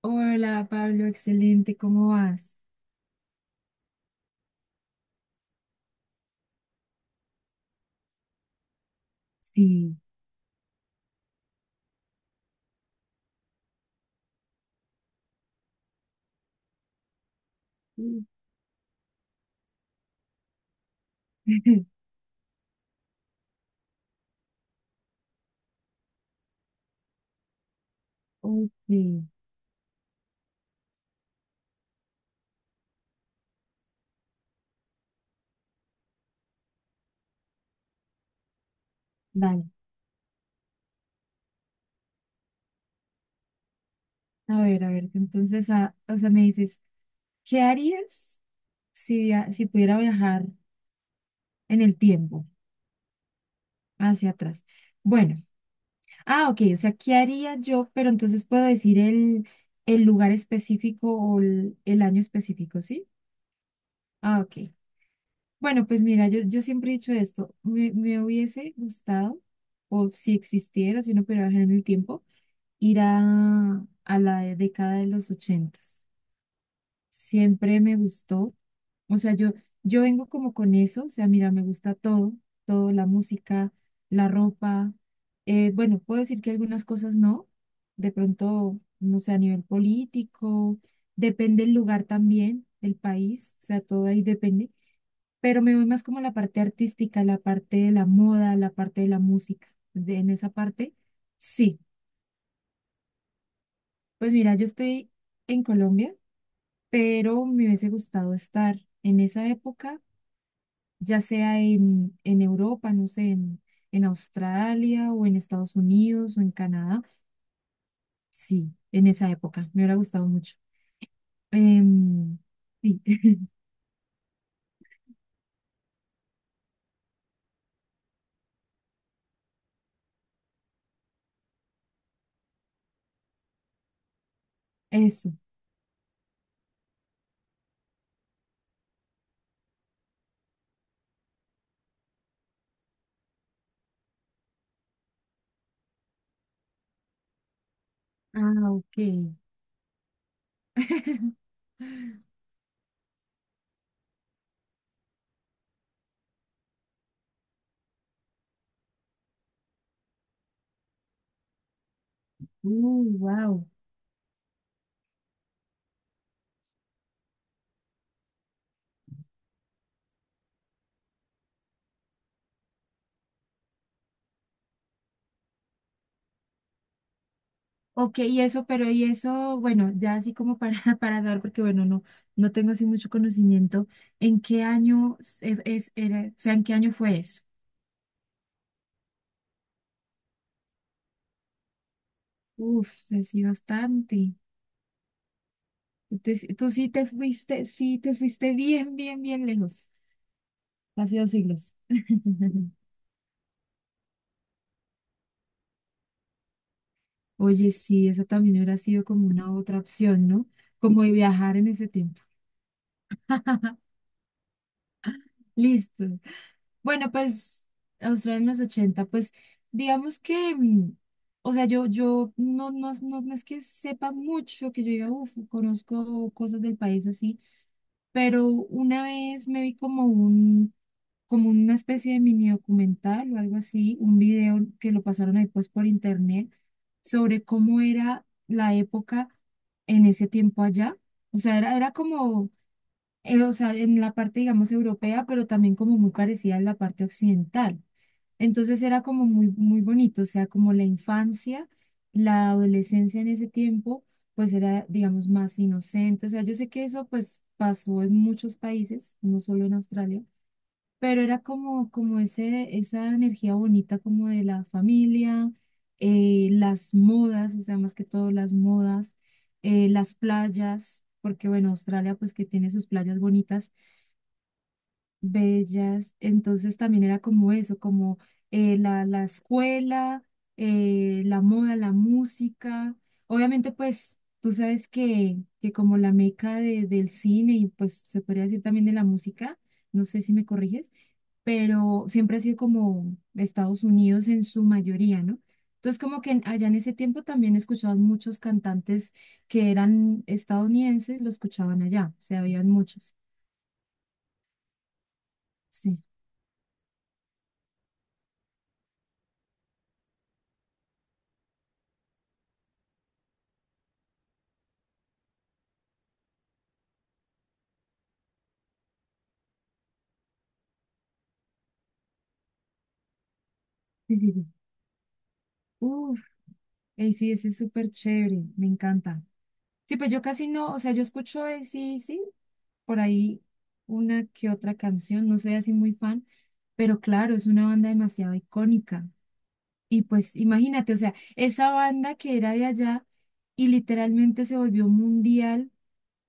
Hola Pablo, excelente, ¿cómo vas? Sí. Mm. Ok, dale. A ver, entonces, ah, o sea, me dices, ¿qué harías si, si pudiera viajar en el tiempo hacia atrás? Bueno, ah, ok, o sea, ¿qué haría yo? Pero entonces puedo decir el lugar específico o el año específico, ¿sí? Ah, ok. Bueno, pues mira, yo siempre he dicho esto, me hubiese gustado, o si existiera, si uno pudiera viajar en el tiempo ir a la década de los ochentas. Siempre me gustó. O sea, yo vengo como con eso. O sea, mira, me gusta todo, todo, la música, la ropa. Bueno, puedo decir que algunas cosas no. De pronto, no sé, a nivel político, depende el lugar también, el país, o sea, todo ahí depende. Pero me voy más como a la parte artística, la parte de la moda, la parte de la música. En esa parte, sí. Pues mira, yo estoy en Colombia, pero me hubiese gustado estar en esa época, ya sea en Europa, no sé, en Australia o en Estados Unidos o en Canadá. Sí, en esa época, me hubiera gustado mucho. Em, sí, eso. Ah, ok. Wow. Ok, y eso, pero y eso, bueno, ya así como para, para dar, porque bueno, no, no tengo así mucho conocimiento, ¿en qué año es, era, o sea, en qué año fue eso? Uf, sé sí, bastante. Entonces, tú sí te fuiste bien, bien, bien lejos, casi dos siglos. Oye, sí, esa también hubiera sido como una otra opción, ¿no? Como de viajar en ese tiempo. Listo. Bueno, pues Australia en los 80 pues digamos que, o sea, yo, yo no es que sepa mucho, que yo diga, uff, conozco cosas del país así, pero una vez me vi como un, como una especie de mini documental o algo así, un video que lo pasaron ahí pues por internet sobre cómo era la época en ese tiempo allá. O sea, era como o sea, en la parte, digamos, europea, pero también como muy parecida en la parte occidental. Entonces era como muy, muy bonito, o sea, como la infancia, la adolescencia en ese tiempo, pues era, digamos, más inocente. O sea, yo sé que eso pues pasó en muchos países, no solo en Australia, pero era como, como ese, esa energía bonita como de la familia, las modas, o sea, más que todo las modas, las playas, porque bueno, Australia pues que tiene sus playas bonitas, bellas, entonces también era como eso, como la escuela, la moda, la música, obviamente pues tú sabes que como la meca del cine y pues se podría decir también de la música, no sé si me corriges, pero siempre ha sido como de Estados Unidos en su mayoría, ¿no? Entonces, como que allá en ese tiempo también escuchaban muchos cantantes que eran estadounidenses, lo escuchaban allá, o sea, habían muchos. Sí, sí, sí. Sí. Uf, AC/DC es súper chévere, me encanta. Sí, pues yo casi no, o sea, yo escucho sí, sí, por ahí una que otra canción, no soy así muy fan, pero claro, es una banda demasiado icónica. Y pues imagínate, o sea, esa banda que era de allá y literalmente se volvió mundial,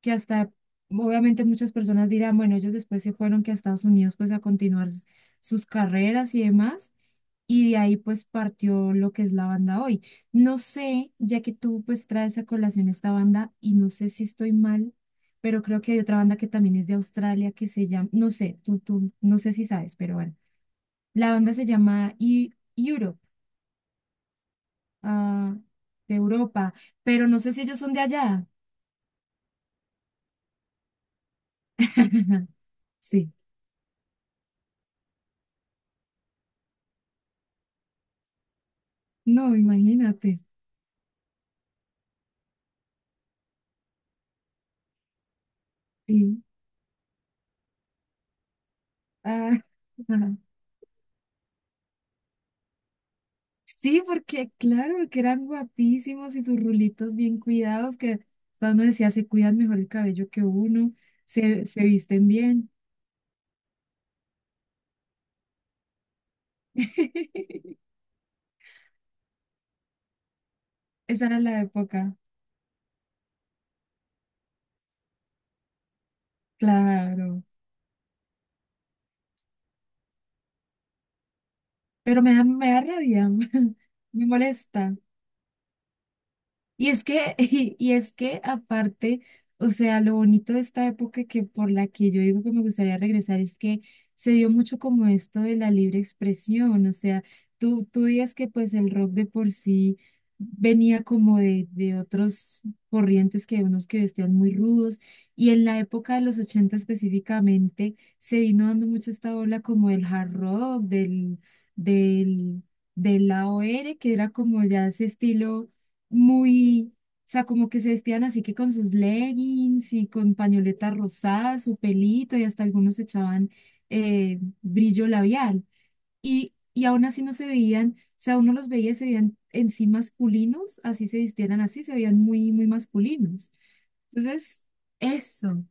que hasta, obviamente muchas personas dirán, bueno, ellos después se fueron que a Estados Unidos pues a continuar sus carreras y demás, y de ahí pues partió lo que es la banda hoy. No sé, ya que tú pues traes a colación esta banda y no sé si estoy mal, pero creo que hay otra banda que también es de Australia que se llama, no sé, tú, no sé si sabes, pero bueno, la banda se llama... Europe, ah, de Europa, pero no sé si ellos son de allá. Sí, no, imagínate. Sí, ah, sí, porque claro, porque eran guapísimos y sus rulitos bien cuidados, que hasta uno decía, se cuidan mejor el cabello que uno, se visten bien. Esa era la época, claro. Pero me da rabia, me molesta. Y es que aparte, o sea, lo bonito de esta época que por la que yo digo que me gustaría regresar es que se dio mucho como esto de la libre expresión, o sea, tú veías que pues el rock de por sí venía como de otros corrientes que unos que vestían muy rudos y en la época de los 80 específicamente se vino dando mucho esta ola como del hard rock, del, del A O r, que era como ya ese estilo muy, o sea, como que se vestían así que con sus leggings y con pañoletas rosadas, su pelito y hasta algunos echaban brillo labial. Y aún así no se veían, o sea, uno los veía y se veían en sí masculinos, así se vistieran así, se veían muy, muy masculinos. Entonces, eso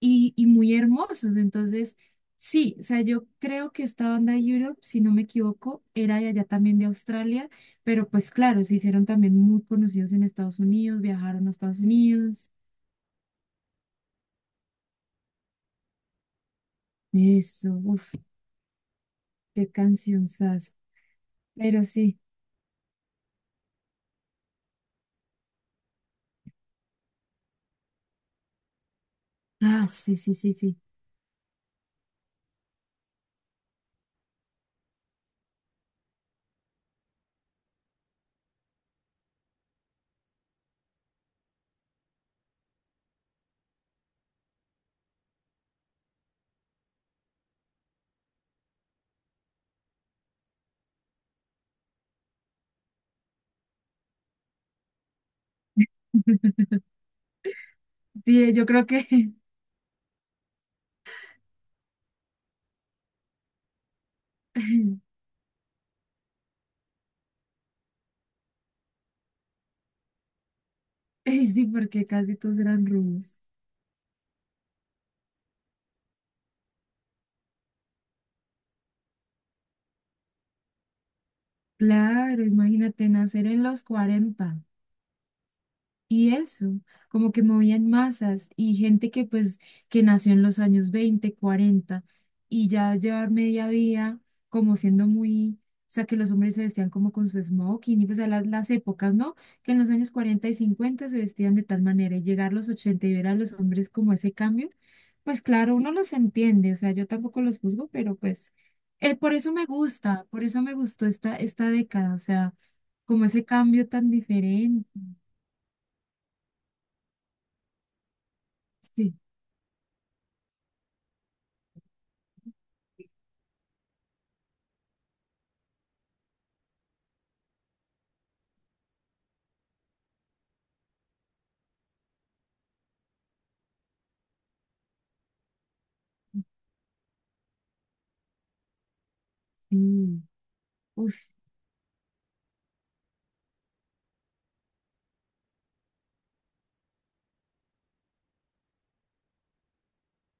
y muy hermosos. Entonces, sí, o sea, yo creo que esta banda Europe, si no me equivoco, era de allá también de Australia, pero pues claro, se hicieron también muy conocidos en Estados Unidos, viajaron a Estados Unidos. Eso, uff, qué cancionzas. Pero sí, ah, sí, sí, sí, sí. Sí, yo creo que Ey, sí, porque casi todos eran rubios. Claro, imagínate nacer en los cuarenta. Y eso, como que movían masas y gente que pues que nació en los años 20 40 y ya llevar media vida como siendo muy, o sea, que los hombres se vestían como con su smoking y pues a las épocas, ¿no? Que en los años 40 y 50 se vestían de tal manera y llegar a los 80 y ver a los hombres como ese cambio, pues claro, uno los entiende, o sea, yo tampoco los juzgo, pero pues por eso me gusta, por eso me gustó esta, esta década, o sea, como ese cambio tan diferente. Sí. Sí, uf,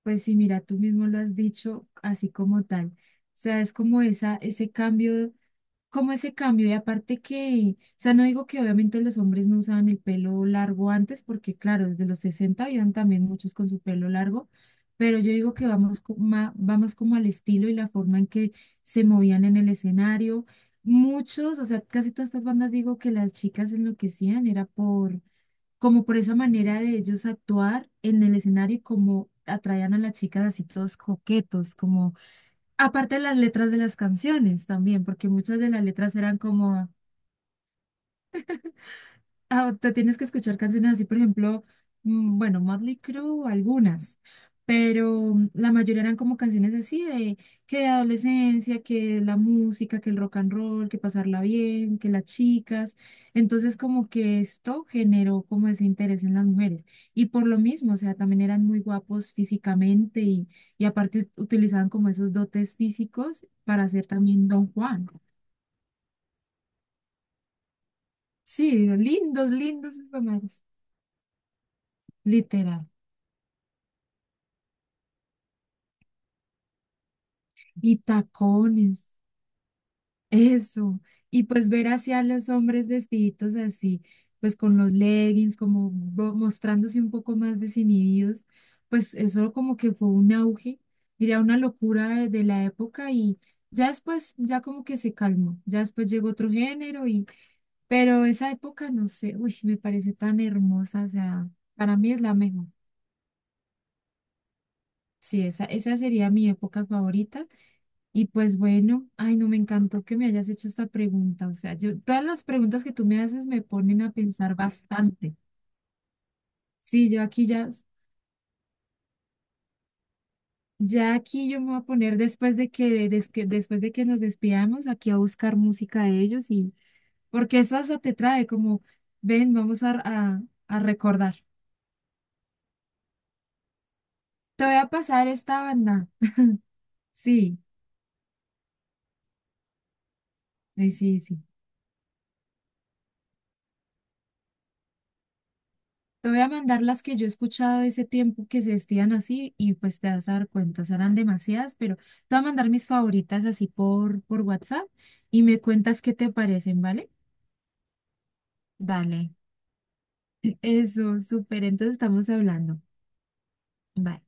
pues sí, mira, tú mismo lo has dicho así como tal. O sea, es como esa, ese cambio, como ese cambio. Y aparte que, o sea, no digo que obviamente los hombres no usaban el pelo largo antes, porque claro, desde los 60 habían también muchos con su pelo largo, pero yo digo que vamos va más como al estilo y la forma en que se movían en el escenario. Muchos, o sea, casi todas estas bandas digo que las chicas enloquecían, era por como por esa manera de ellos actuar en el escenario y como atraían a las chicas así todos coquetos, como aparte de las letras de las canciones también, porque muchas de las letras eran como... Ah, te tienes que escuchar canciones así, por ejemplo, bueno, Motley Crue, algunas, pero la mayoría eran como canciones así de que de adolescencia, que la música, que el rock and roll, que pasarla bien, que las chicas. Entonces, como que esto generó como ese interés en las mujeres. Y por lo mismo, o sea, también eran muy guapos físicamente y aparte utilizaban como esos dotes físicos para hacer también Don Juan. Sí, lindos, lindos, mamás, literal. Y tacones, eso. Y pues ver hacia los hombres vestiditos así, pues con los leggings, como mostrándose un poco más desinhibidos, pues eso como que fue un auge, diría una locura de la época y ya después, ya como que se calmó, ya después llegó otro género y, pero esa época, no sé, uy, me parece tan hermosa, o sea, para mí es la mejor. Sí, esa sería mi época favorita. Y pues bueno, ay, no me encantó que me hayas hecho esta pregunta. O sea, yo, todas las preguntas que tú me haces me ponen a pensar bastante. Sí, yo aquí ya, ya aquí yo me voy a poner después de que, después de que nos despidamos, aquí a buscar música de ellos y porque eso hasta te trae como, ven, vamos a, a recordar. Te voy a pasar esta banda. Sí, ay, sí, sí. Te voy a mandar las que yo he escuchado ese tiempo que se vestían así y pues te vas a dar cuenta, serán demasiadas, pero te voy a mandar mis favoritas así por WhatsApp y me cuentas qué te parecen, ¿vale? Dale. Eso, súper, entonces estamos hablando. Bye.